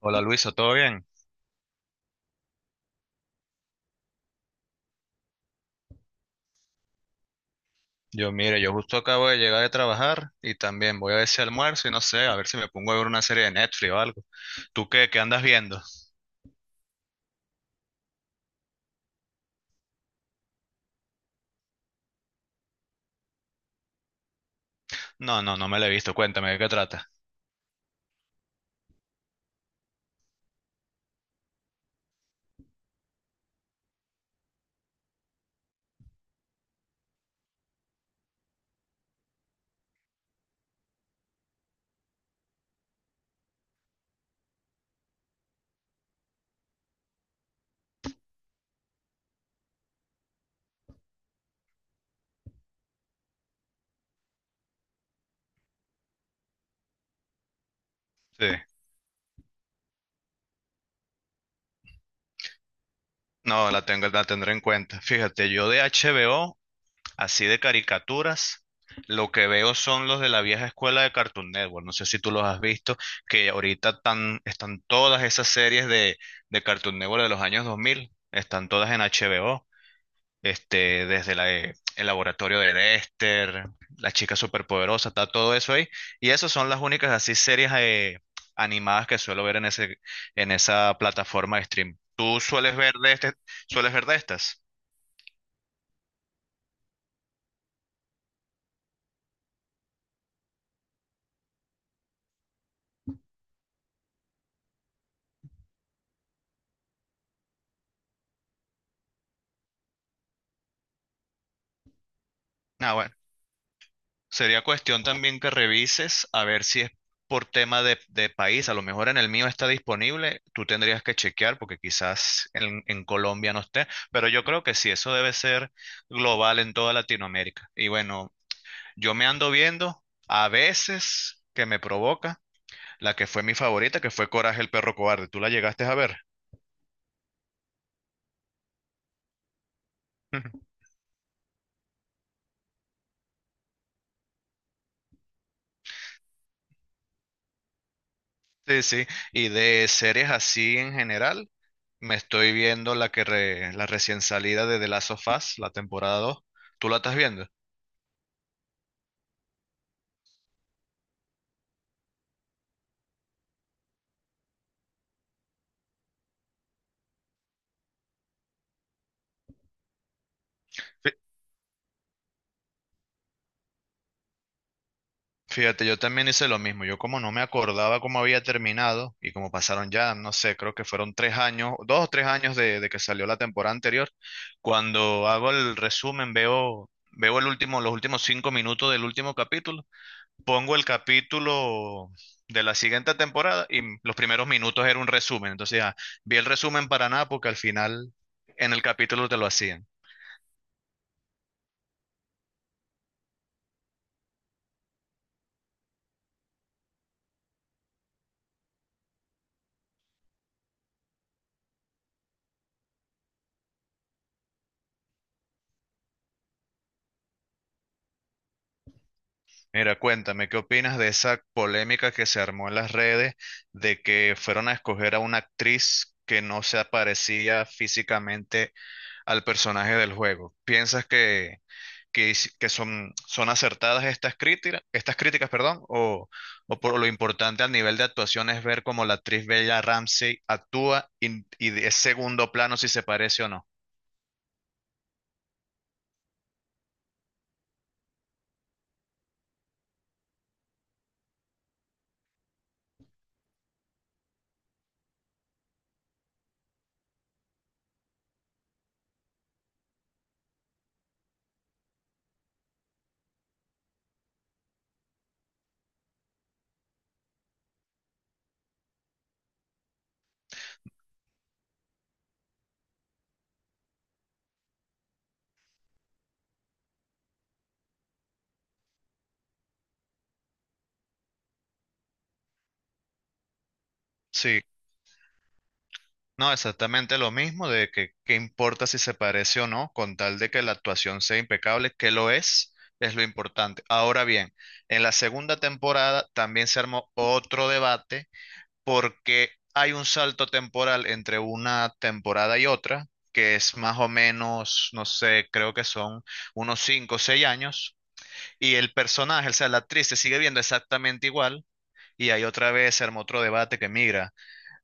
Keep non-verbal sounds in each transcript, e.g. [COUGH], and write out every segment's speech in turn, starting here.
Hola Luisa, ¿todo bien? Yo justo acabo de llegar de trabajar y también voy a ver si almuerzo y no sé, a ver si me pongo a ver una serie de Netflix o algo. ¿Tú qué andas viendo? No, no, no me la he visto, cuéntame de qué trata. Sí, no, la tengo, la tendré en cuenta. Fíjate, yo de HBO, así de caricaturas, lo que veo son los de la vieja escuela de Cartoon Network. No sé si tú los has visto, que ahorita están todas esas series de Cartoon Network de los años 2000, están todas en HBO. Este, desde la, el laboratorio de Dexter, la chica superpoderosa, está todo eso ahí. Y esas son las únicas así series animadas que suelo ver en ese, en esa plataforma de stream. ¿Tú sueles ver de sueles ver de estas? Ah, bueno. Sería cuestión también que revises a ver si es por tema de país. A lo mejor en el mío está disponible. Tú tendrías que chequear porque quizás en Colombia no esté. Pero yo creo que sí, eso debe ser global en toda Latinoamérica. Y bueno, yo me ando viendo a veces que me provoca la que fue mi favorita, que fue Coraje el perro cobarde. ¿Tú la llegaste a ver? [LAUGHS] Sí, sí. Y de series así en general, me estoy viendo la que la recién salida de The Last of Us, la temporada 2. ¿Tú la estás viendo? Fíjate, yo también hice lo mismo. Yo como no me acordaba cómo había terminado y como pasaron ya, no sé, creo que fueron tres años, dos o tres años de que salió la temporada anterior. Cuando hago el resumen, veo el último, los últimos cinco minutos del último capítulo, pongo el capítulo de la siguiente temporada y los primeros minutos era un resumen. Entonces, vi el resumen para nada porque al final en el capítulo te lo hacían. Mira, cuéntame, ¿qué opinas de esa polémica que se armó en las redes de que fueron a escoger a una actriz que no se parecía físicamente al personaje del juego? ¿Piensas que son, son acertadas estas críticas, perdón, o por lo importante al nivel de actuación es ver cómo la actriz Bella Ramsey actúa y de es segundo plano si se parece o no? Sí. No, exactamente lo mismo, de que qué importa si se parece o no, con tal de que la actuación sea impecable, que lo es lo importante. Ahora bien, en la segunda temporada también se armó otro debate porque hay un salto temporal entre una temporada y otra, que es más o menos, no sé, creo que son unos 5 o 6 años, y el personaje, o sea, la actriz se sigue viendo exactamente igual, y ahí otra vez se armó otro debate que migra.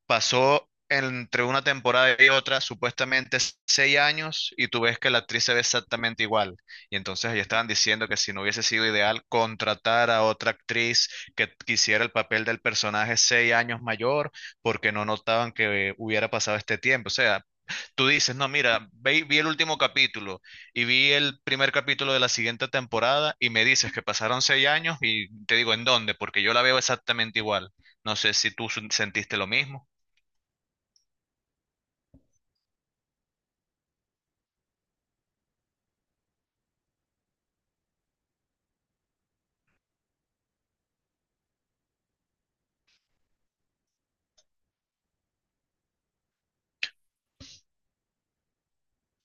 Pasó entre una temporada y otra supuestamente seis años y tú ves que la actriz se ve exactamente igual. Y entonces ellos estaban diciendo que si no hubiese sido ideal contratar a otra actriz que quisiera el papel del personaje seis años mayor porque no notaban que hubiera pasado este tiempo. O sea, tú dices, no, mira, vi el último capítulo y vi el primer capítulo de la siguiente temporada y me dices que pasaron seis años y te digo, ¿en dónde? Porque yo la veo exactamente igual. No sé si tú sentiste lo mismo.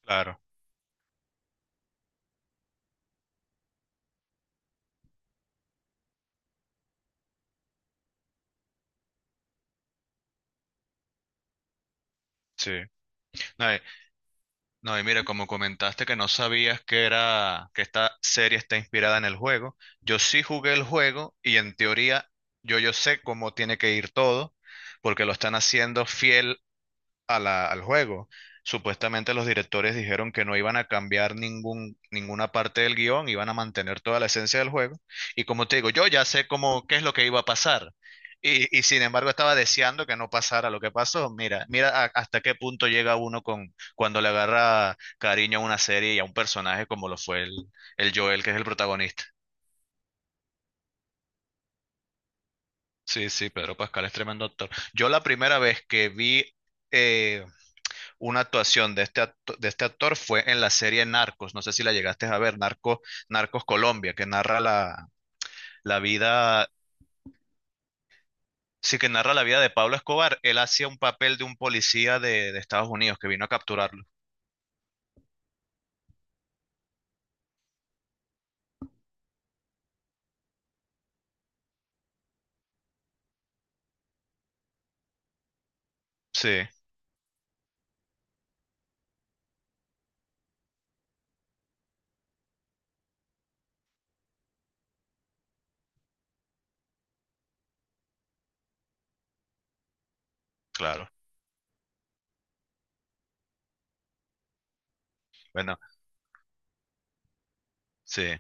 Claro, sí. No, y, no, y mira, como comentaste que no sabías que era, que esta serie está inspirada en el juego, yo sí jugué el juego y en teoría yo sé cómo tiene que ir todo, porque lo están haciendo fiel a al juego. Supuestamente los directores dijeron que no iban a cambiar ninguna parte del guión, iban a mantener toda la esencia del juego. Y como te digo, yo ya sé cómo, qué es lo que iba a pasar. Y sin embargo estaba deseando que no pasara lo que pasó. Mira, hasta qué punto llega uno con cuando le agarra cariño a una serie y a un personaje como lo fue el Joel, que es el protagonista. Sí, sí, Pedro Pascal es tremendo actor. Yo la primera vez que vi una actuación de este actor fue en la serie Narcos. No sé si la llegaste a ver, Narcos Colombia, que narra la vida, sí, que narra la vida de Pablo Escobar. Él hacía un papel de un policía de Estados Unidos que vino a capturarlo. Sí, claro. Bueno, sí.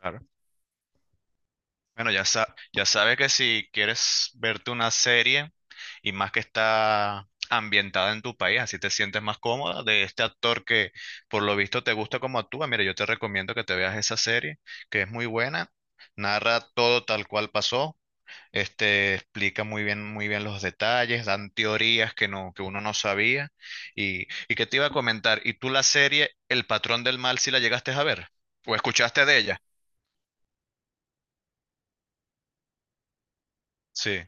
Claro. Bueno, ya sabes que si quieres verte una serie y más que está ambientada en tu país, así te sientes más cómoda de este actor que por lo visto te gusta como actúa, mira, yo te recomiendo que te veas esa serie, que es muy buena, narra todo tal cual pasó, este explica muy bien los detalles, dan teorías que que uno no sabía y que te iba a comentar, ¿y tú la serie El patrón del mal si la llegaste a ver o escuchaste de ella? Sí.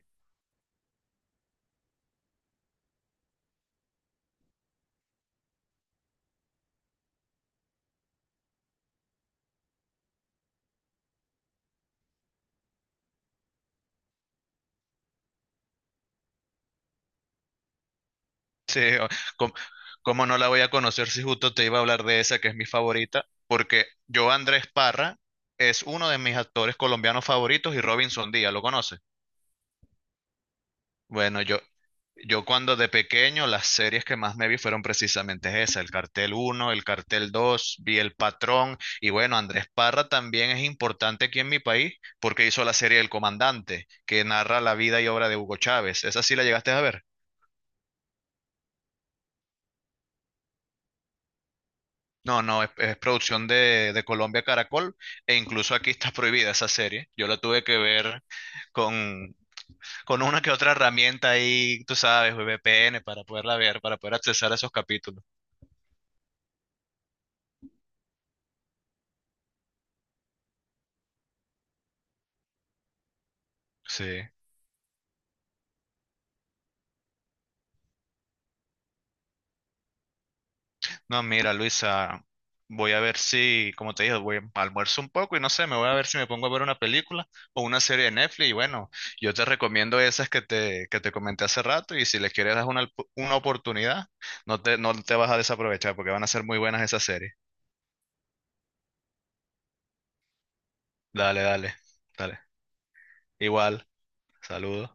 Sí, o- ¿cómo, cómo no la voy a conocer si justo te iba a hablar de esa que es mi favorita? Porque yo, Andrés Parra, es uno de mis actores colombianos favoritos y Robinson Díaz, ¿lo conoces? Bueno, yo cuando de pequeño las series que más me vi fueron precisamente esa, el Cartel Uno el Cartel Dos vi El Patrón y bueno, Andrés Parra también es importante aquí en mi país porque hizo la serie El Comandante, que narra la vida y obra de Hugo Chávez. ¿Esa sí la llegaste a ver? No, no, es producción de Colombia Caracol e incluso aquí está prohibida esa serie. Yo la tuve que ver con, con una que otra herramienta ahí, tú sabes, VPN para poderla ver, para poder accesar a esos capítulos. Sí. No, mira, Luisa, voy a ver si, como te dije, voy a almuerzo un poco y no sé, me voy a ver si me pongo a ver una película o una serie de Netflix. Y bueno, yo te recomiendo esas que que te comenté hace rato y si les quieres dar una oportunidad, no te vas a desaprovechar porque van a ser muy buenas esas series. Dale, dale, dale. Igual, saludos.